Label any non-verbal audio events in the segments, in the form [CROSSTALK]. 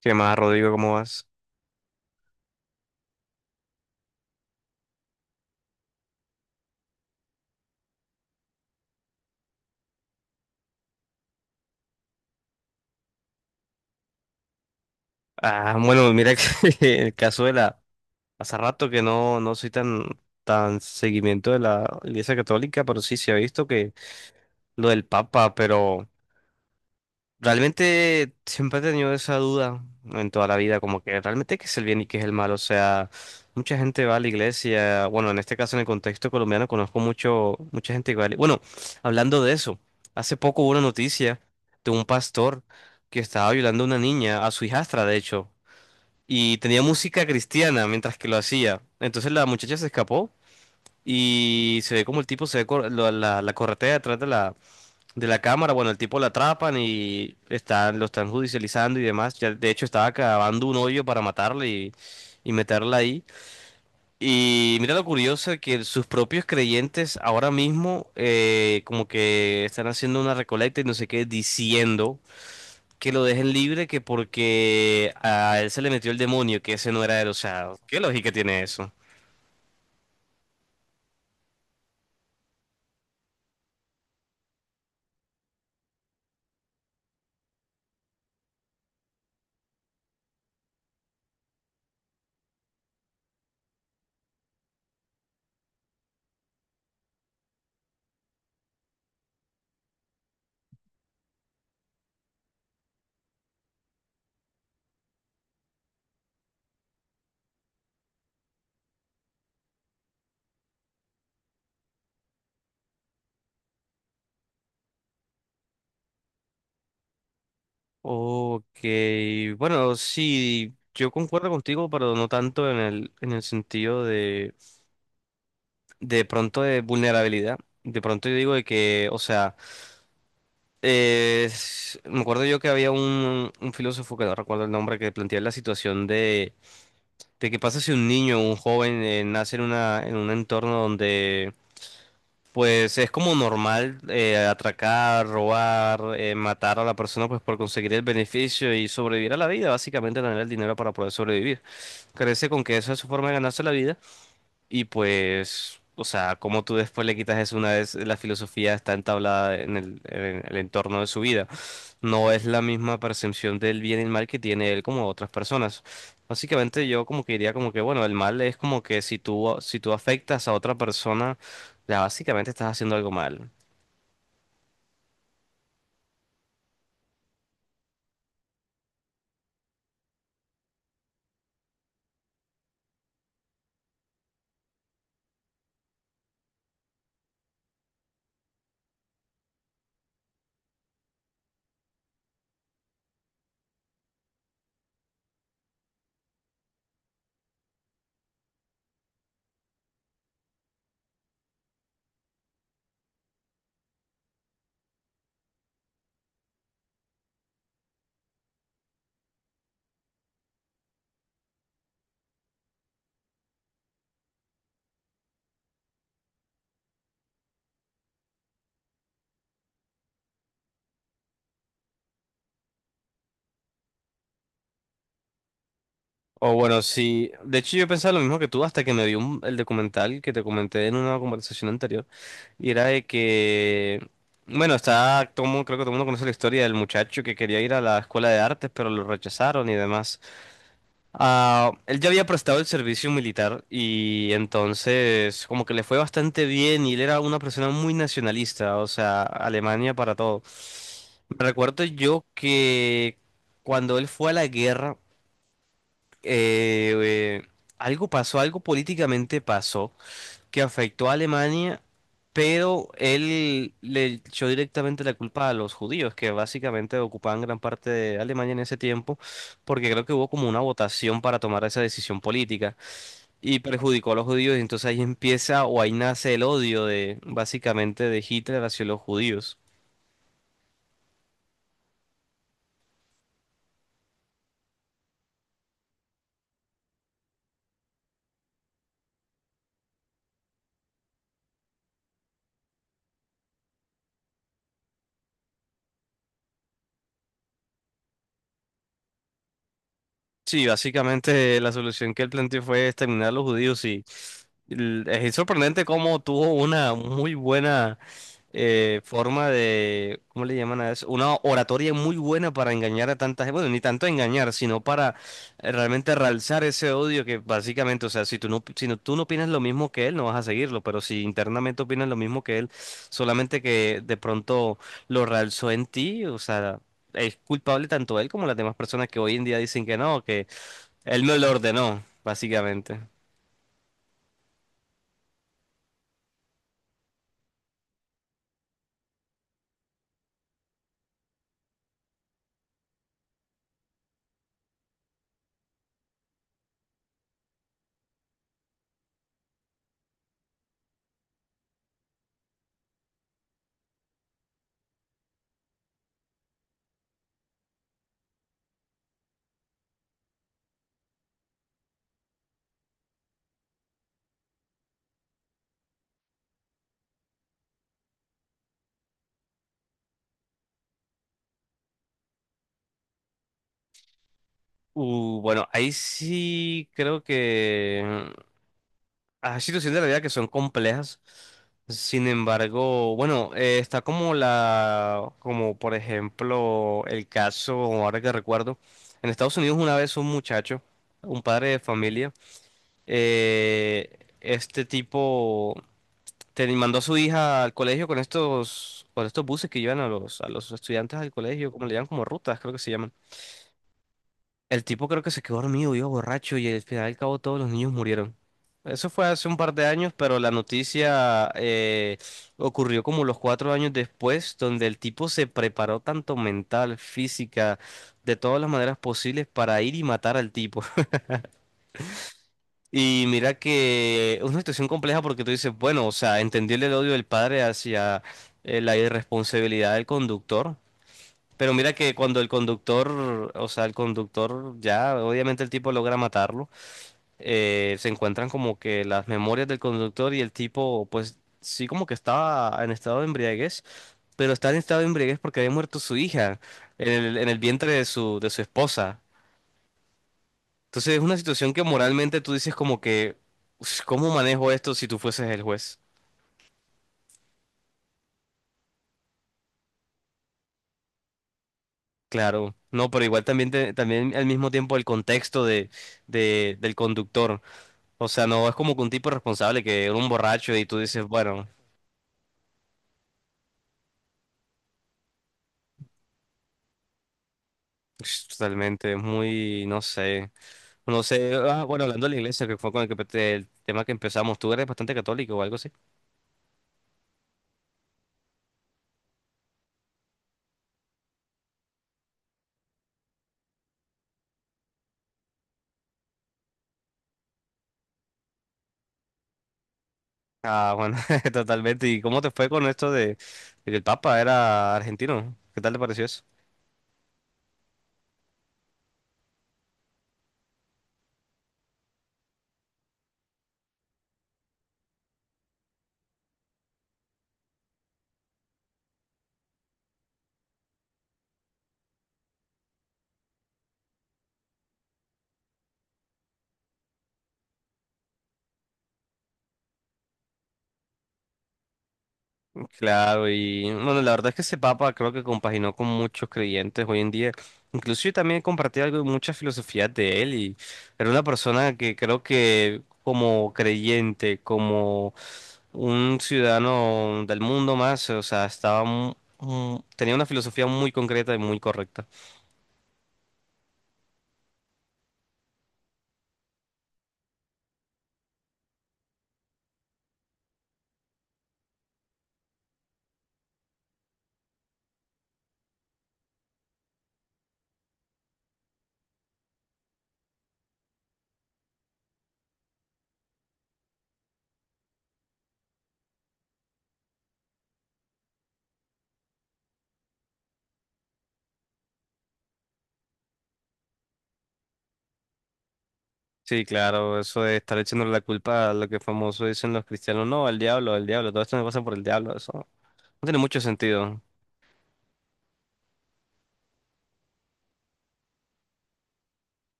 ¿Qué más, Rodrigo? ¿Cómo vas? Ah, bueno, mira que [LAUGHS] el caso de la... Hace rato que no soy tan, tan seguimiento de la Iglesia Católica, pero sí se ha visto que lo del Papa, pero realmente siempre he tenido esa duda en toda la vida, como que realmente qué es el bien y qué es el mal. O sea, mucha gente va a la iglesia. Bueno, en este caso, en el contexto colombiano, conozco mucha gente que va a la... Bueno, hablando de eso, hace poco hubo una noticia de un pastor que estaba violando a una niña, a su hijastra, de hecho, y tenía música cristiana mientras que lo hacía. Entonces la muchacha se escapó y se ve como el tipo se ve la corretea detrás de la cámara. Bueno, el tipo lo atrapan y están, lo están judicializando y demás. Ya, de hecho, estaba cavando un hoyo para matarle y meterla ahí. Y mira lo curioso que sus propios creyentes ahora mismo como que están haciendo una recolecta y no sé qué, diciendo que lo dejen libre, que porque a él se le metió el demonio, que ese no era él. O sea, ¿qué lógica tiene eso? Ok, bueno, sí, yo concuerdo contigo, pero no tanto en en el sentido de pronto de vulnerabilidad. De pronto yo digo de que, o sea, me acuerdo yo que había un filósofo que no recuerdo el nombre, que planteaba la situación de qué pasa si un niño o un joven nace en una, en un entorno donde pues es como normal atracar, robar, matar a la persona pues por conseguir el beneficio y sobrevivir a la vida, básicamente tener el dinero para poder sobrevivir. Crece con que esa es su forma de ganarse la vida. Y pues, o sea, como tú después le quitas eso una vez la filosofía está entablada en el entorno de su vida. No es la misma percepción del bien y el mal que tiene él como otras personas. Básicamente yo como que diría como que, bueno, el mal es como que si tú afectas a otra persona, ya básicamente estás haciendo algo mal. O bueno, sí, de hecho yo pensaba lo mismo que tú hasta que me vi el documental que te comenté en una conversación anterior. Y era de que, bueno, está, creo que todo el mundo conoce la historia del muchacho que quería ir a la escuela de artes, pero lo rechazaron y demás. Ah, él ya había prestado el servicio militar y entonces como que le fue bastante bien, y él era una persona muy nacionalista, o sea, Alemania para todo. Recuerdo yo que cuando él fue a la guerra, eh, eh, algo pasó, algo políticamente pasó que afectó a Alemania, pero él le echó directamente la culpa a los judíos, que básicamente ocupaban gran parte de Alemania en ese tiempo, porque creo que hubo como una votación para tomar esa decisión política y perjudicó a los judíos, y entonces ahí empieza o ahí nace el odio de básicamente de Hitler hacia los judíos. Sí, básicamente la solución que él planteó fue exterminar a los judíos, y es sorprendente cómo tuvo una muy buena forma de, ¿cómo le llaman a eso? Una oratoria muy buena para engañar a tanta gente, bueno, ni tanto engañar, sino para realmente realzar ese odio que básicamente, o sea, tú no opinas lo mismo que él, no vas a seguirlo, pero si internamente opinas lo mismo que él, solamente que de pronto lo realzó en ti, o sea... Es culpable tanto él como las demás personas que hoy en día dicen que no, él me lo ordenó, básicamente. Bueno, ahí sí creo que mm, hay situaciones de la vida que son complejas. Sin embargo, bueno, está como la, como por ejemplo el caso, ahora que recuerdo, en Estados Unidos una vez un muchacho, un padre de familia, este tipo mandó a su hija al colegio con estos buses que llevan a los estudiantes al colegio, como le llaman, como rutas, creo que se llaman. El tipo creo que se quedó dormido, vio borracho, y al final y al cabo todos los niños murieron. Eso fue hace un par de años, pero la noticia ocurrió como los cuatro años después, donde el tipo se preparó tanto mental, física, de todas las maneras posibles para ir y matar al tipo. [LAUGHS] Y mira que es una situación compleja porque tú dices, bueno, o sea, entendible el odio del padre hacia la irresponsabilidad del conductor. Pero mira que cuando el conductor, o sea, el conductor ya, obviamente el tipo logra matarlo, se encuentran como que las memorias del conductor, y el tipo pues sí como que estaba en estado de embriaguez, pero está en estado de embriaguez porque había muerto su hija en el vientre de su esposa. Entonces es una situación que moralmente tú dices como que: "Ush, ¿cómo manejo esto si tú fueses el juez?". Claro, no, pero igual también, también al mismo tiempo el contexto de, del conductor. O sea, no es como que un tipo responsable que era un borracho y tú dices, bueno, ush, totalmente, es muy, no sé. No sé, ah, bueno, hablando de la iglesia, que fue con el, que, el tema que empezamos, tú eres bastante católico o algo así. Ah, bueno, [LAUGHS] totalmente. ¿Y cómo te fue con esto de que el Papa era argentino? ¿Qué tal te pareció eso? Claro, y bueno, la verdad es que ese Papa creo que compaginó con muchos creyentes hoy en día. Incluso yo también compartí algo de muchas filosofías de él, y era una persona que creo que como creyente, como un ciudadano del mundo más, o sea, estaba tenía una filosofía muy concreta y muy correcta. Sí, claro, eso de estar echándole la culpa a lo que famoso dicen los cristianos, no, al diablo, todo esto me pasa por el diablo, eso no tiene mucho sentido.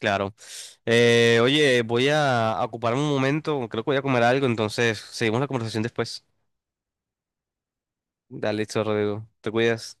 Claro. Oye, voy a ocupar un momento, creo que voy a comer algo, entonces seguimos la conversación después. Dale, listo, Rodrigo. Te cuidas.